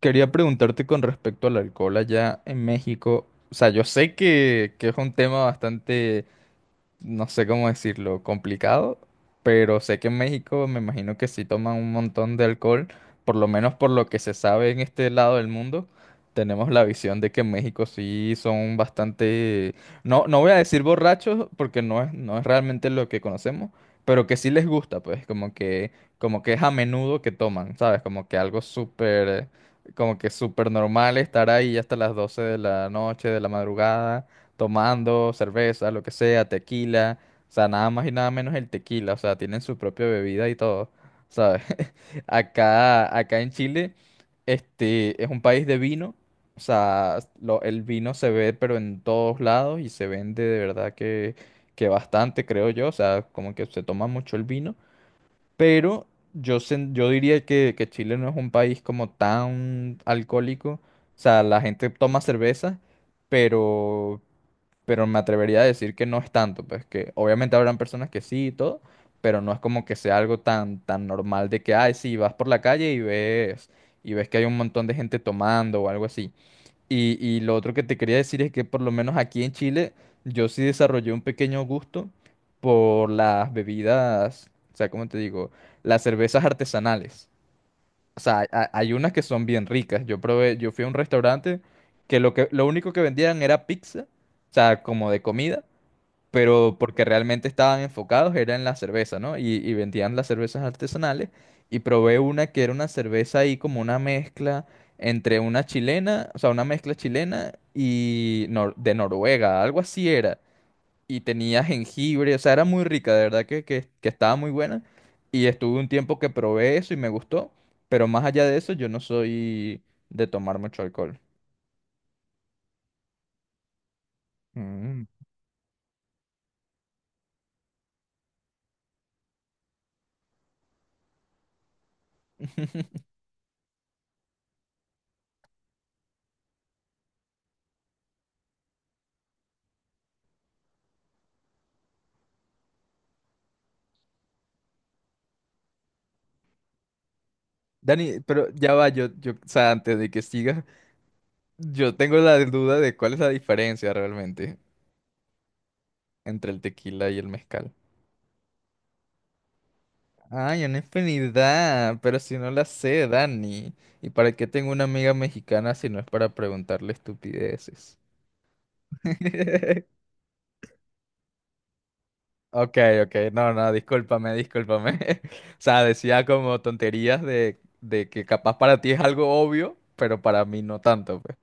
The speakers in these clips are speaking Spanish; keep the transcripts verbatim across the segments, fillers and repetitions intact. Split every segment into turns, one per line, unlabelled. Quería preguntarte con respecto al alcohol allá en México. O sea, yo sé que, que es un tema bastante, no sé cómo decirlo, complicado, pero sé que en México me imagino que sí toman un montón de alcohol, por lo menos por lo que se sabe en este lado del mundo. Tenemos la visión de que en México sí son bastante, no, no voy a decir borrachos porque no es, no es realmente lo que conocemos, pero que sí les gusta, pues como que, como que es a menudo que toman, ¿sabes? Como que algo súper, como que súper normal estar ahí hasta las doce de la noche, de la madrugada tomando cerveza, lo que sea, tequila, o sea, nada más y nada menos el tequila, o sea, tienen su propia bebida y todo, ¿sabes? Acá, acá en Chile, este, es un país de vino, o sea, lo- el vino se ve pero en todos lados y se vende de verdad que, que bastante, creo yo, o sea, como que se toma mucho el vino, pero yo, sen- yo diría que, que Chile no es un país como tan alcohólico, o sea, la gente toma cerveza, pero pero me atrevería a decir que no es tanto, pues que obviamente habrán personas que sí y todo, pero no es como que sea algo tan, tan normal de que, ay, sí, vas por la calle y ves, y ves que hay un montón de gente tomando o algo así. Y, y lo otro que te quería decir es que por lo menos aquí en Chile yo sí desarrollé un pequeño gusto por las bebidas, o sea, ¿cómo te digo? Las cervezas artesanales. O sea, hay, hay- hay unas que son bien ricas. Yo probé, yo fui a un restaurante que lo que, lo único que vendían era pizza, o sea, como de comida, pero porque realmente estaban enfocados era en la cerveza, ¿no? Y, y vendían las cervezas artesanales. Y probé una que era una cerveza ahí como una mezcla entre una chilena, o sea, una mezcla chilena y nor- de Noruega, algo así era y tenía jengibre, o sea, era muy rica, de verdad que, que, que estaba muy buena. Y estuve un tiempo que probé eso y me gustó, pero más allá de eso yo no soy de tomar mucho alcohol. Mm. Dani, pero ya va, yo, yo, o sea, antes de que siga, yo tengo la duda de cuál es la diferencia realmente entre el tequila y el mezcal. Ay, una infinidad, pero si no la sé, Dani. ¿Y para qué tengo una amiga mexicana si no es para preguntarle estupideces? Ok, ok, no, no, discúlpame, discúlpame. O sea, decía como tonterías de, de que capaz para ti es algo obvio, pero para mí no tanto, pues.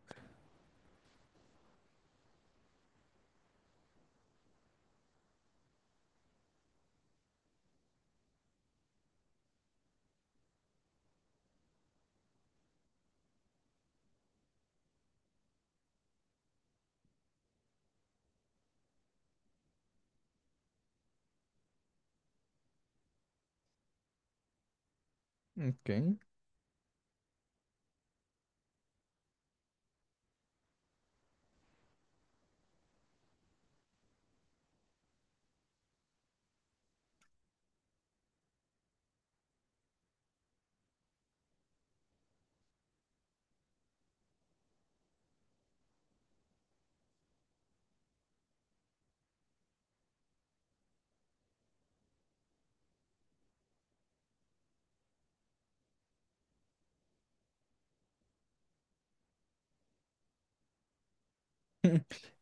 Ok.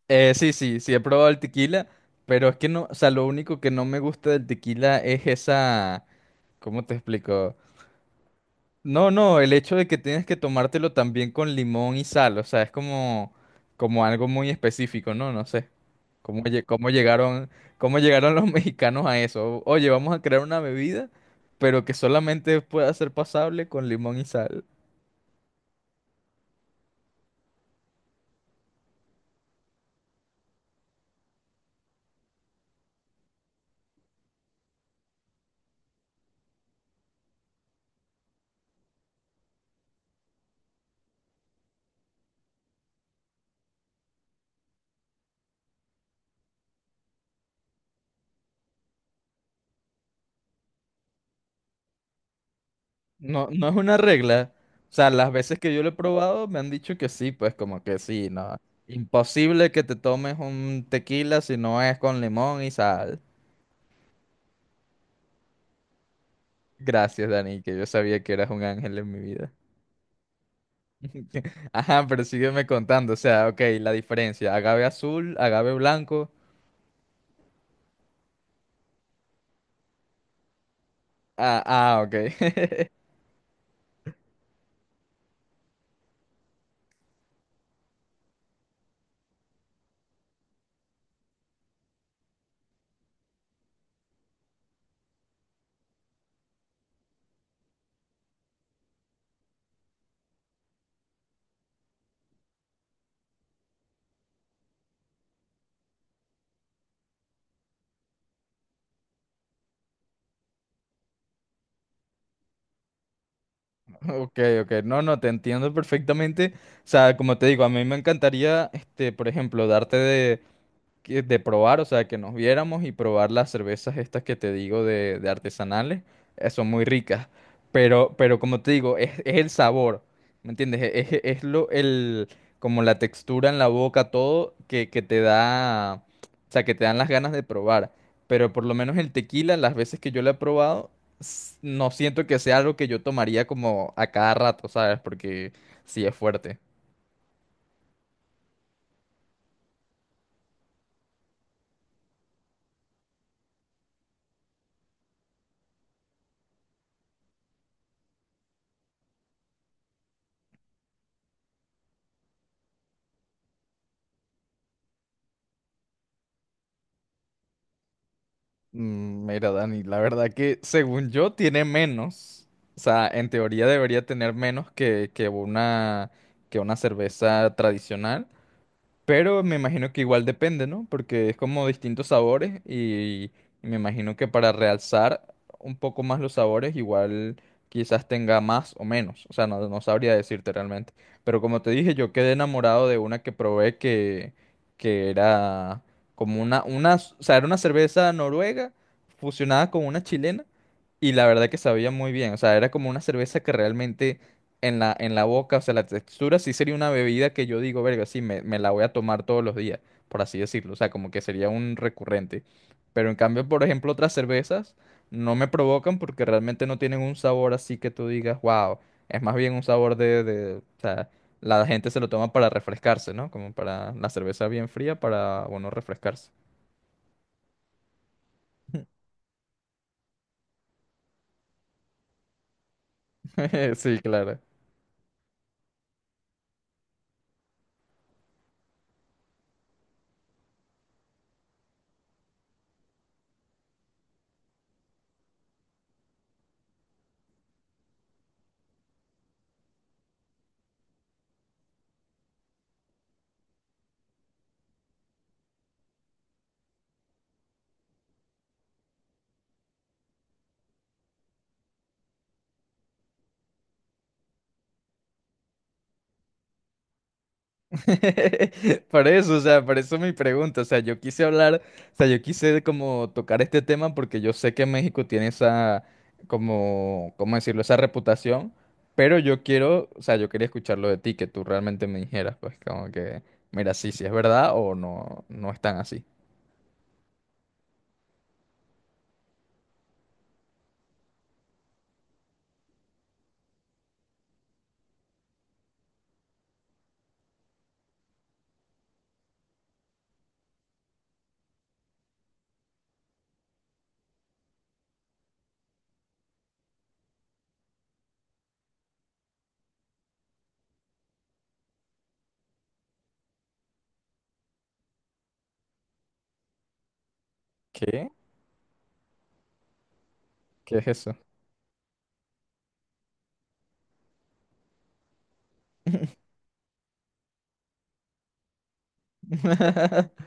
Eh, sí, sí, sí he probado el tequila, pero es que no, o sea, lo único que no me gusta del tequila es esa, ¿cómo te explico? No, no, el hecho de que tienes que tomártelo también con limón y sal, o sea, es como, como algo muy específico, ¿no? No sé. ¿Cómo, lle- cómo llegaron, cómo llegaron los mexicanos a eso? Oye, vamos a crear una bebida, pero que solamente pueda ser pasable con limón y sal. No, no es una regla. O sea, las veces que yo lo he probado me han dicho que sí, pues como que sí, no. Imposible que te tomes un tequila si no es con limón y sal. Gracias, Dani, que yo sabía que eras un ángel en mi vida. Ajá, pero sígueme contando. O sea, ok, la diferencia. Agave azul, agave blanco. Ah, ah, ok. Ok, ok. No, no, te entiendo perfectamente. O sea, como te digo, a mí me encantaría, este, por ejemplo, darte de, que- de probar, o sea, que nos viéramos y probar las cervezas estas que te digo de, de artesanales, eh, son muy ricas. Pero, pero como te digo, es, es el sabor, ¿me entiendes? Es, es- es lo, el, como la textura en la boca, todo que, que te da, o sea, que te dan las ganas de probar. Pero por lo menos el tequila, las veces que yo lo he probado, s- no siento que sea algo que yo tomaría como a cada rato, ¿sabes? Porque sí es fuerte. Mm, mira, Dani, la verdad que según yo tiene menos. O sea, en teoría debería tener menos que, que una, que una cerveza tradicional. Pero me imagino que igual depende, ¿no? Porque es como distintos sabores y me imagino que para realzar un poco más los sabores, igual quizás tenga más o menos. O sea, no, no sabría decirte realmente. Pero como te dije, yo quedé enamorado de una que probé que, que era como una, una, o sea, era una cerveza noruega fusionada con una chilena. Y la verdad que sabía muy bien, o sea, era como una cerveza que realmente en la, en la boca, o sea, la textura sí sería una bebida que yo digo, verga, sí, me, me la voy a tomar todos los días, por así decirlo, o sea, como que sería un recurrente. Pero en cambio, por ejemplo, otras cervezas no me provocan porque realmente no tienen un sabor así que tú digas, wow, es más bien un sabor de, de, o sea, la gente se lo toma para refrescarse, ¿no? Como para la cerveza bien fría, para, bueno, refrescarse. Sí, claro. Por eso, o sea, por eso mi pregunta, o sea, yo quise hablar, o sea, yo quise como tocar este tema porque yo sé que México tiene esa, como, ¿cómo decirlo? Esa reputación, pero yo quiero, o sea, yo quería escucharlo de ti, que tú realmente me dijeras, pues, como que, mira, sí, sí es verdad o no, no es tan así. ¿Qué? ¿Qué es eso?